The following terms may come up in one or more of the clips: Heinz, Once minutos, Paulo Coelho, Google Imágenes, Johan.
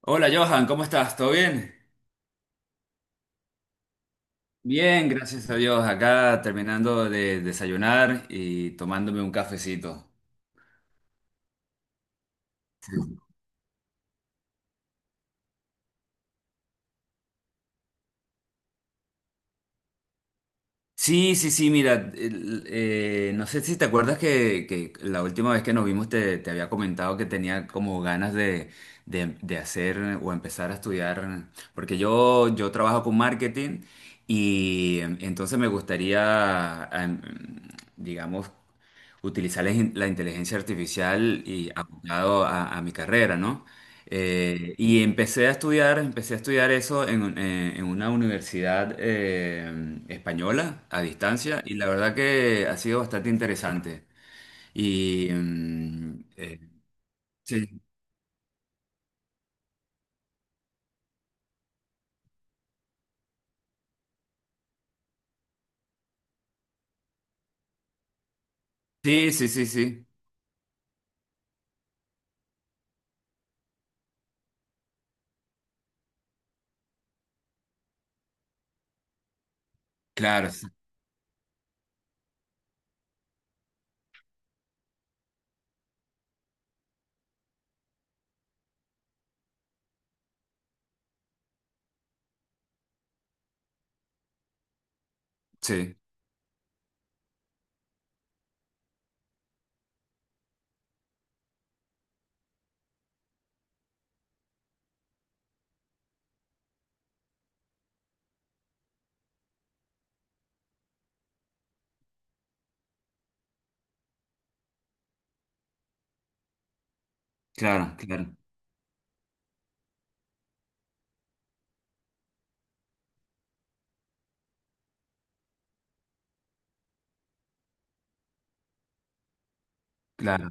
Hola Johan, ¿cómo estás? ¿Todo bien? Bien, gracias a Dios. Acá terminando de desayunar y tomándome un cafecito. Sí, sí, sí, mira, no sé si te acuerdas que la última vez que nos vimos te había comentado que tenía como ganas de hacer o empezar a estudiar, porque yo trabajo con marketing y entonces me gustaría, digamos, utilizar la inteligencia artificial y aplicado a mi carrera, ¿no? Y empecé a estudiar eso en, en una universidad española a distancia y la verdad que ha sido bastante interesante. Y sí, sí, sí, sí, sí, claro, sí, claro, claro, claro.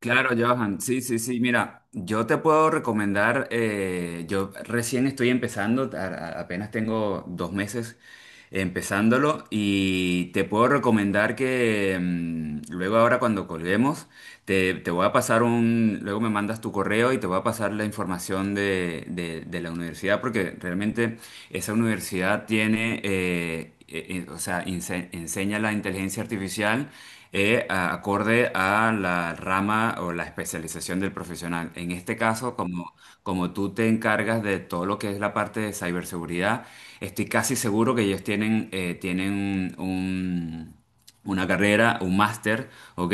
Claro, Johan, sí, sí, sí. Mira, yo te puedo recomendar, yo recién estoy empezando, apenas tengo 2 meses empezándolo y te puedo recomendar que luego ahora cuando colguemos te, te voy a pasar un, luego me mandas tu correo y te voy a pasar la información de la universidad porque realmente esa universidad tiene, o sea, enseña la inteligencia artificial acorde a la rama o la especialización del profesional. En este caso, como, como tú te encargas de todo lo que es la parte de ciberseguridad, estoy casi seguro que ellos tienen, tienen un una carrera, un máster, ¿ok?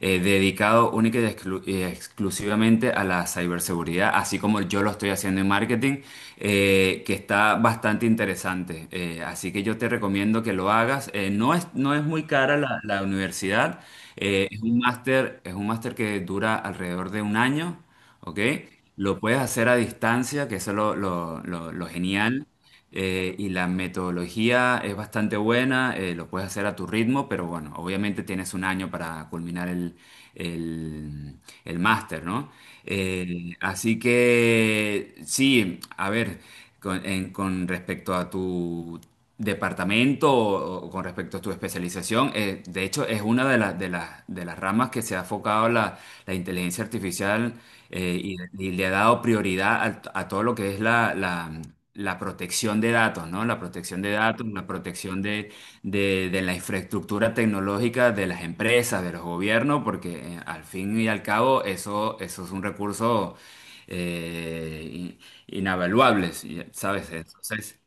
Dedicado única y exclusivamente a la ciberseguridad, así como yo lo estoy haciendo en marketing, que está bastante interesante. Así que yo te recomiendo que lo hagas. No es muy cara la universidad. Es un máster, es un máster que dura alrededor de 1 año, ¿ok? Lo puedes hacer a distancia, que eso es lo genial y la metodología es bastante buena, lo puedes hacer a tu ritmo, pero bueno, obviamente tienes 1 año para culminar el, el máster, ¿no? Así que sí, a ver, con respecto a tu departamento o con respecto a tu especialización, de hecho es una las de las ramas que se ha enfocado la inteligencia artificial y le ha dado prioridad a todo lo que es la protección de datos, ¿no? La protección de datos, la protección de la infraestructura tecnológica de las empresas, de los gobiernos, porque al fin y al cabo eso, eso es un recurso eh, in- inavaluable, ¿sabes? Entonces,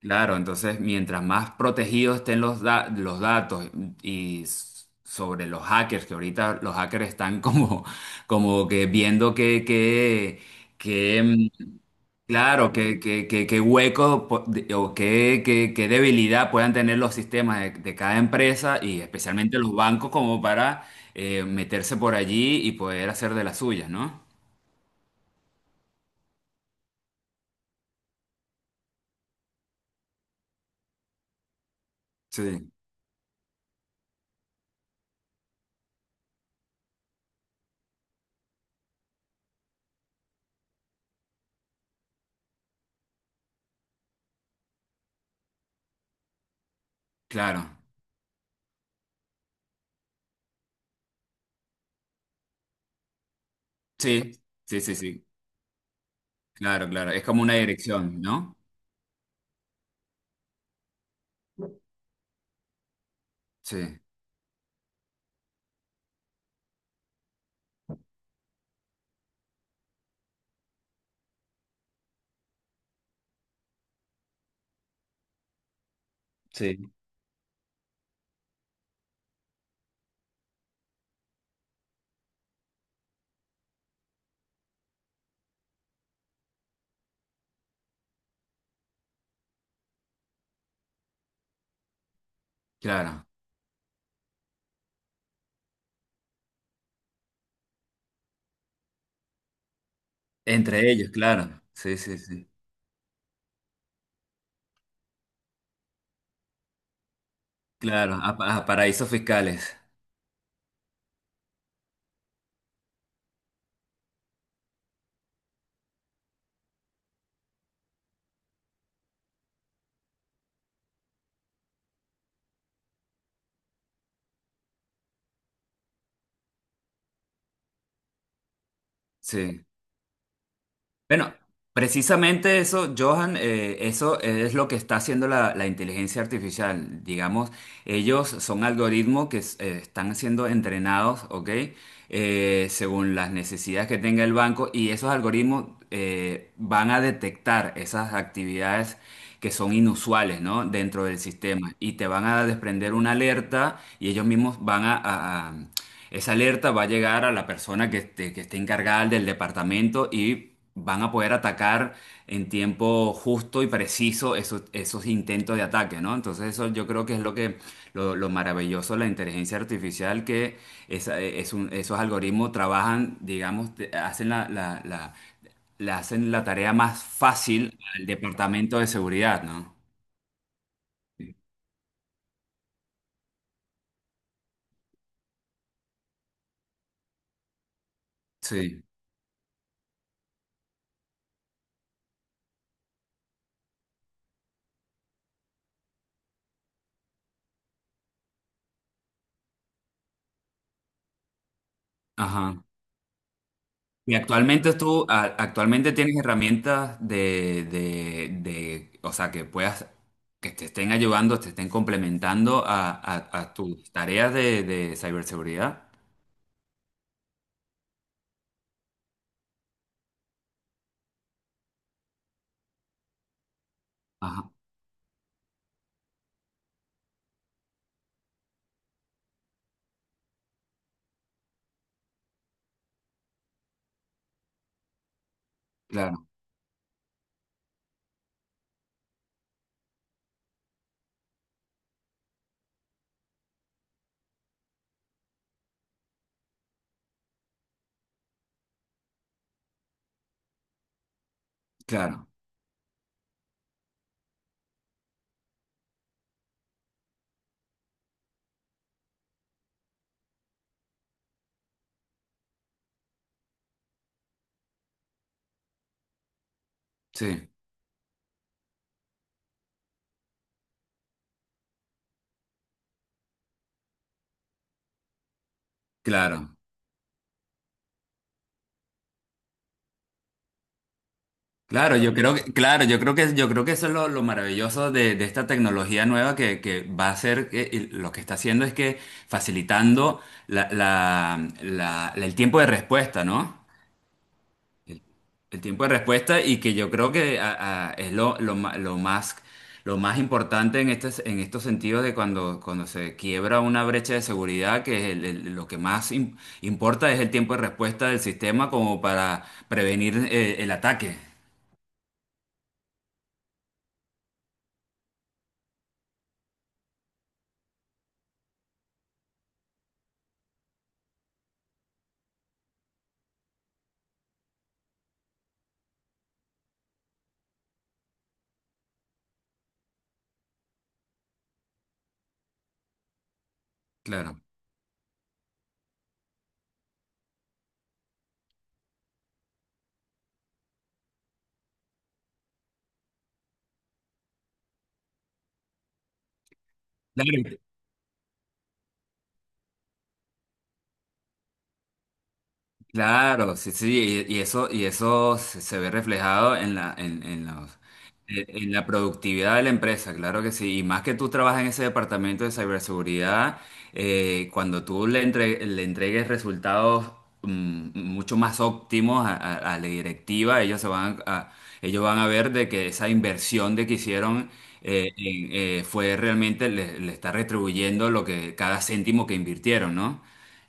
claro, entonces mientras más protegidos estén los datos y sobre los hackers, que ahorita los hackers están como, como que viendo que claro, qué hueco po- de- o qué debilidad puedan tener los sistemas de cada empresa y especialmente los bancos como para meterse por allí y poder hacer de las suyas, ¿no? Sí, claro. Sí, sí, sí, sí. Claro, claro. Es como una dirección, ¿no? Sí, sí, claro. Entre ellos, claro. Sí, sí, sí. Claro, a paraísos fiscales. Sí. Bueno, precisamente eso, Johan, eso es lo que está haciendo la inteligencia artificial. Digamos, ellos son algoritmos que están siendo entrenados, ¿ok? Según las necesidades que tenga el banco y esos algoritmos van a detectar esas actividades que son inusuales, ¿no? Dentro del sistema y te van a desprender una alerta y ellos mismos van esa alerta va a llegar a la persona que esté encargada del departamento y van a poder atacar en tiempo justo y preciso esos, esos intentos de ataque, ¿no? Entonces eso yo creo que es lo que lo maravilloso de la inteligencia artificial, que esos algoritmos trabajan, digamos, hacen le hacen la tarea más fácil al departamento de seguridad, ¿no? Sí. Ajá. Y actualmente actualmente tienes herramientas o sea, que puedas, que te estén ayudando, te estén complementando a tus tareas de ciberseguridad. Ajá, claro, claro, sí, claro. Claro, yo creo que, claro, yo creo que eso es lo maravilloso de esta tecnología nueva que va a ser, y lo que está haciendo es que facilitando el tiempo de respuesta, ¿no? El tiempo de respuesta y que yo creo que es lo más importante en, este, en estos sentidos de cuando, cuando se quiebra una brecha de seguridad, que es lo que más importa es el tiempo de respuesta del sistema como para prevenir el ataque. Claro. Claro, claro, sí, sí, y eso se ve reflejado en en los- en la productividad de la empresa, claro que sí. Y más que tú trabajas en ese departamento de ciberseguridad, cuando tú le, le entregues resultados mucho más óptimos a, a la directiva, ellos se van a, ellos van a ver de que esa inversión de que hicieron fue realmente le, le está retribuyendo lo que cada céntimo que invirtieron, ¿no?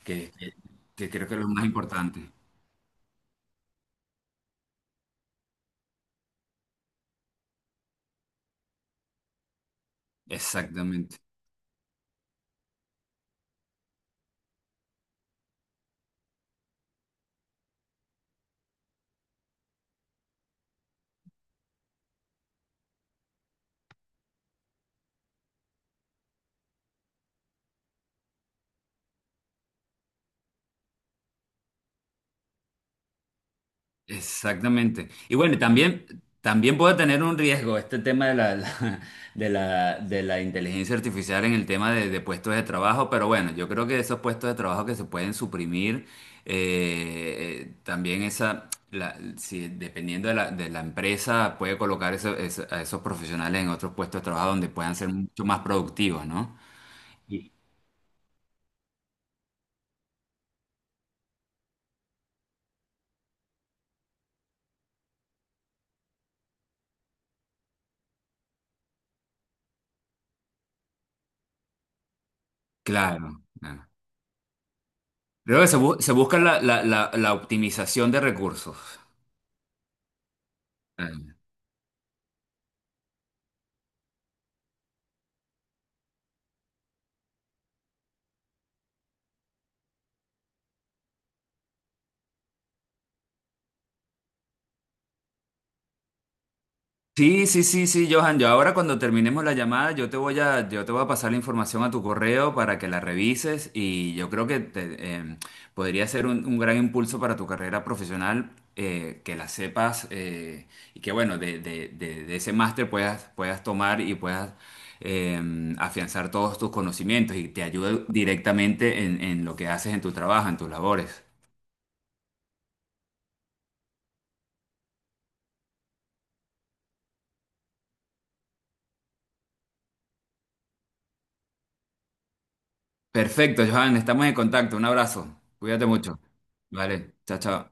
que que- que creo que es lo más importante. Exactamente, exactamente. Y bueno, también, también puede tener un riesgo este tema de la- de la, de la inteligencia artificial en el tema de puestos de trabajo, pero bueno, yo creo que esos puestos de trabajo que se pueden suprimir, también esa, la, si, dependiendo de de la empresa, puede colocar a esos profesionales en otros puestos de trabajo donde puedan ser mucho más productivos, ¿no? Y- claro, claro. Creo que se, se busca la optimización de recursos. Claro. Sí, sí, sí, sí, Johan. Yo ahora cuando terminemos la llamada, yo te voy a, yo te voy a pasar la información a tu correo para que la revises y yo creo que te, podría ser un gran impulso para tu carrera profesional que la sepas y que bueno, de ese máster puedas, puedas tomar y puedas eh, afianzar todos tus conocimientos y te ayude directamente en lo que haces en tu trabajo, en tus labores. Perfecto, Johan. Estamos en contacto. Un abrazo. Cuídate mucho. Vale, chao, chao.